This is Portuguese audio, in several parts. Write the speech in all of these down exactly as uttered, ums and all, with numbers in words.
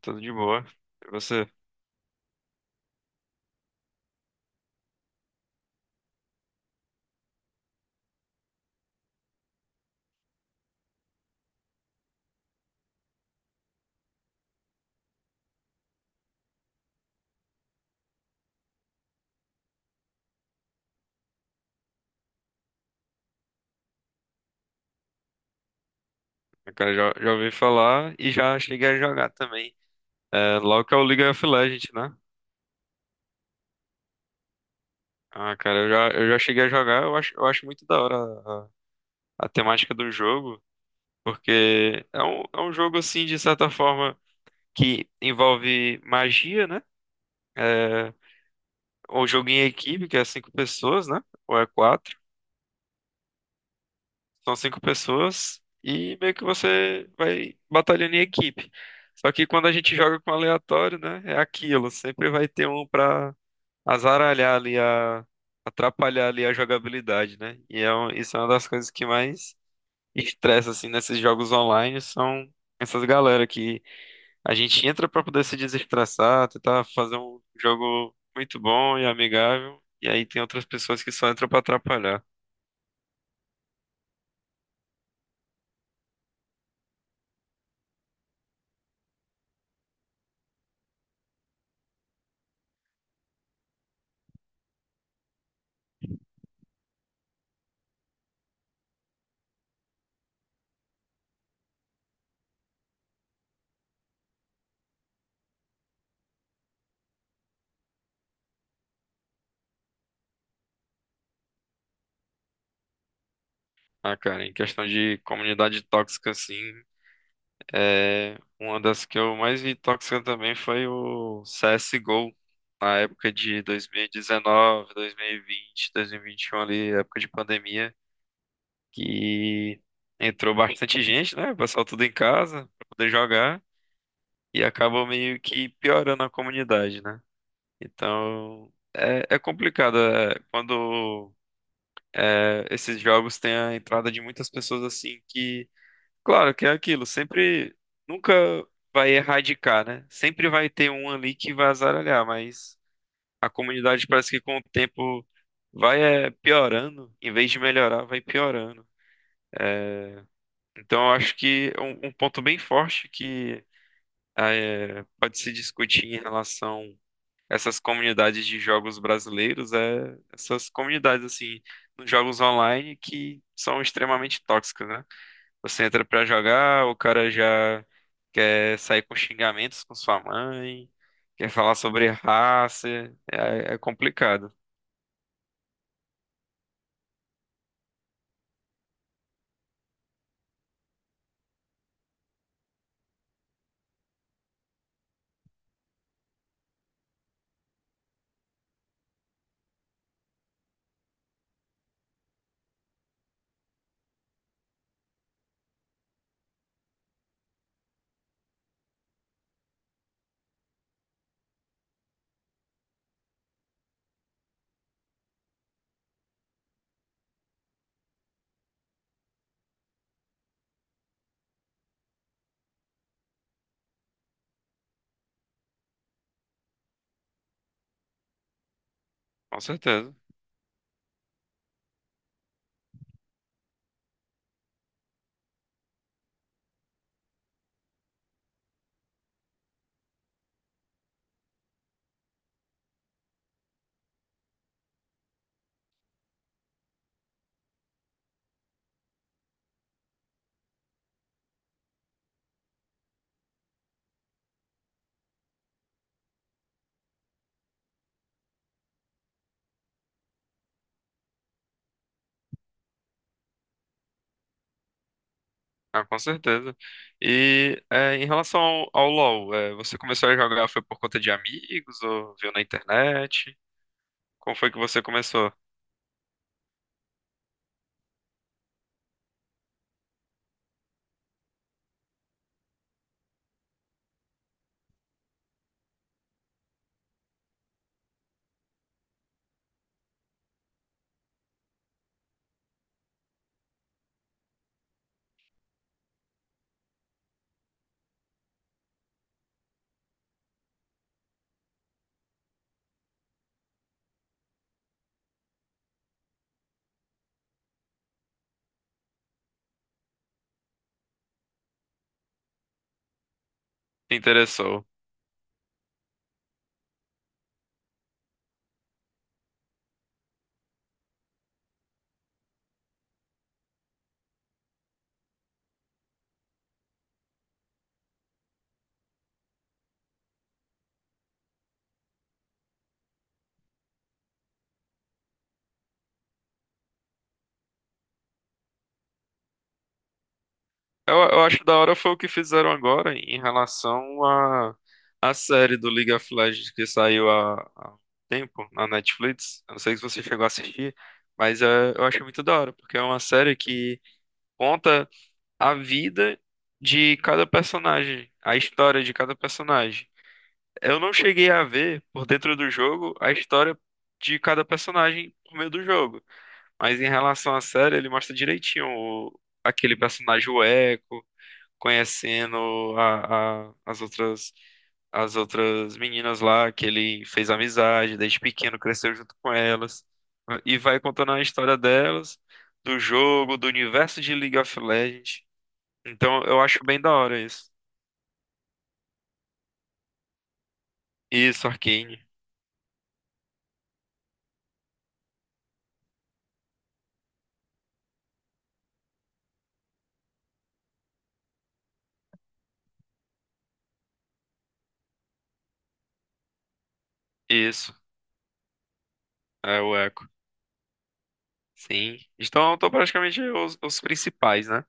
Tudo de boa. E você? Cara, já, já ouvi falar e já cheguei a jogar também. É, logo que é o League of Legends, né? Ah, cara, eu já, eu já cheguei a jogar, eu acho, eu acho muito da hora a, a temática do jogo, porque é um, é um jogo, assim, de certa forma, que envolve magia, né? É um jogo em equipe, que é cinco pessoas, né? Ou é quatro. São cinco pessoas e meio que você vai batalhando em equipe. Só que quando a gente joga com aleatório, né? É aquilo. Sempre vai ter um pra azaralhar ali, a, atrapalhar ali a jogabilidade, né? E é, um- isso é uma das coisas que mais estressa, assim, nesses jogos online, são essas galera que a gente entra pra poder se desestressar, tentar fazer um jogo muito bom e amigável. E aí tem outras pessoas que só entram pra atrapalhar. Ah, cara, em questão de comunidade tóxica, assim, é... uma das que eu mais vi tóxica também foi o C S G O, na época de dois mil e dezenove, dois mil e vinte, dois mil e vinte e um, ali, época de pandemia, que entrou bastante gente, né? O pessoal tudo em casa pra poder jogar e acabou meio que piorando a comunidade, né? Então, é, é complicado, é, quando é, esses jogos têm a entrada de muitas pessoas, assim, que claro que é aquilo, sempre nunca vai erradicar, né? Sempre vai ter um ali que vai azaralhar, mas a comunidade parece que com o tempo vai é, piorando, em vez de melhorar, vai piorando. Então eu acho que é um, um ponto bem forte que ah, é, pode se discutir em relação a essas comunidades de jogos brasileiros é essas comunidades assim, nos jogos online que são extremamente tóxicas, né? Você entra pra jogar, o cara já quer sair com xingamentos com sua mãe, quer falar sobre raça, é, é complicado, com certeza. Ah, com certeza. E é, em relação ao, ao LoL, é, você começou a jogar foi por conta de amigos ou viu na internet? Como foi que você começou? Te interessou? Eu, eu acho da hora foi o que fizeram agora em relação à à série do League of Legends que saiu há, há um tempo na Netflix. Eu não sei se você chegou a assistir, mas é, eu acho muito da hora, porque é uma série que conta a vida de cada personagem, a história de cada personagem. Eu não cheguei a ver por dentro do jogo a história de cada personagem por meio do jogo, mas em relação à série, ele mostra direitinho o- aquele personagem, o Echo conhecendo a, a- as outras as outras meninas lá que ele fez amizade desde pequeno, cresceu junto com elas e vai contando a história delas, do jogo, do universo de League of Legends. Então eu acho bem da hora isso. Isso, Arcane. Isso, é o Echo. Sim. Então estão praticamente os, os principais, né?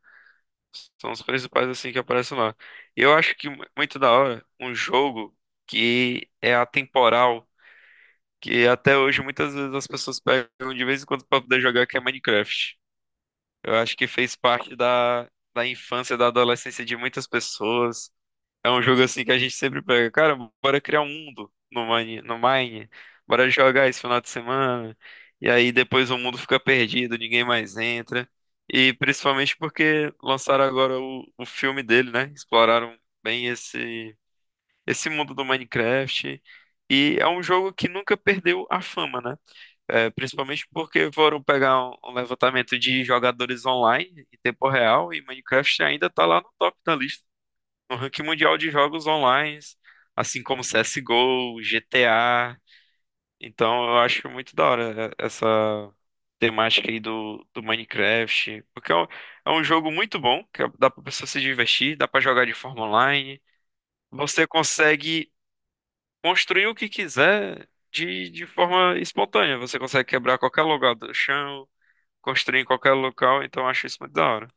São os principais assim que aparecem lá. Eu acho que mu- muito da hora um jogo que é atemporal, que até hoje muitas vezes as pessoas pegam de vez em quando para poder jogar, que é Minecraft. Eu acho que fez parte da, da infância, da adolescência de muitas pessoas. É um jogo assim que a gente sempre pega, cara, bora criar um mundo no Mine, no Mine, bora jogar esse final de semana. E aí depois o mundo fica perdido, ninguém mais entra. E principalmente porque lançaram agora o, o filme dele, né? Exploraram bem esse, esse mundo do Minecraft. E é um jogo que nunca perdeu a fama, né? É, principalmente porque foram pegar um, um levantamento de jogadores online em tempo real e Minecraft ainda está lá no top da lista, no ranking mundial de jogos online, assim como C S G O, G T A. Então eu acho muito da hora é, essa temática aí do, do Minecraft, porque é um, é um jogo muito bom, que é, dá pra pessoa se divertir, dá pra jogar de forma online. Você consegue construir o que quiser de, de forma espontânea. Você consegue quebrar qualquer lugar do chão, construir em qualquer local, então eu acho isso muito da hora.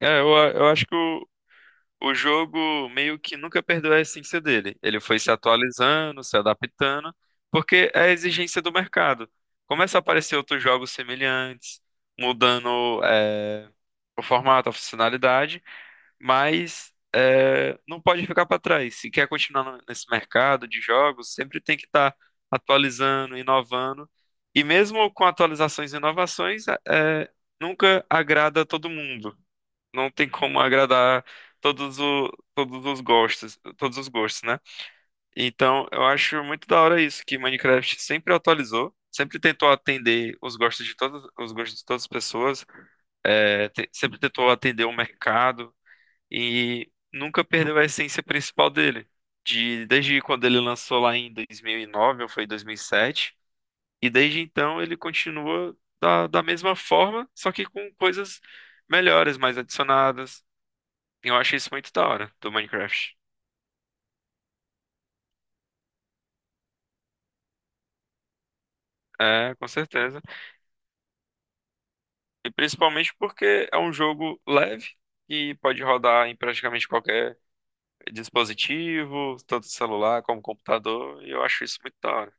É, eu, a- eu acho que o, o jogo meio que nunca perdeu a essência dele. Ele foi se atualizando, se adaptando, porque é a exigência do mercado. Começa a aparecer outros jogos semelhantes, mudando, é, o formato, a funcionalidade, mas é, não pode ficar para trás. Se quer continuar no- nesse mercado de jogos, sempre tem que estar atualizando, inovando. E mesmo com atualizações e inovações, é, é, nunca agrada todo mundo. Não tem como agradar todos, o- todos os gostos, todos os gostos, né? Então, eu acho muito da hora isso, que Minecraft sempre atualizou, sempre tentou atender os gostos de todas, os gostos de todas as pessoas, é, te- sempre tentou atender o mercado e nunca perdeu a essência principal dele. De, desde quando ele lançou lá em dois mil e nove, ou foi dois mil e sete, e sete, e desde então ele continua da, da mesma forma, só que com coisas melhores, mais adicionadas. E eu acho isso muito da hora do Minecraft. É, com certeza. E principalmente porque é um jogo leve e pode rodar em praticamente qualquer dispositivo, tanto celular como computador, e eu acho isso muito da hora.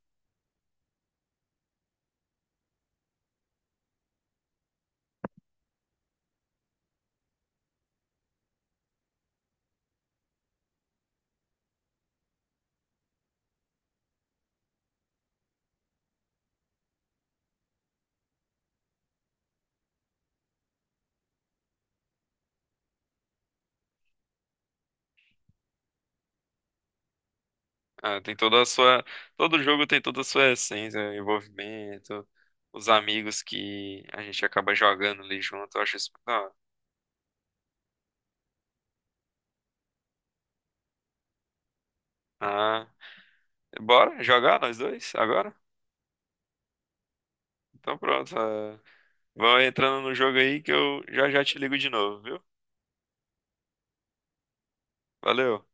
Ah, tem toda a sua. Todo jogo tem toda a sua essência, né? Envolvimento, os amigos que a gente acaba jogando ali junto. Eu acho isso muito da hora. Ah, bora jogar nós dois agora? Então pronto. Ah, vão entrando no jogo aí que eu já já te ligo de novo, viu? Valeu.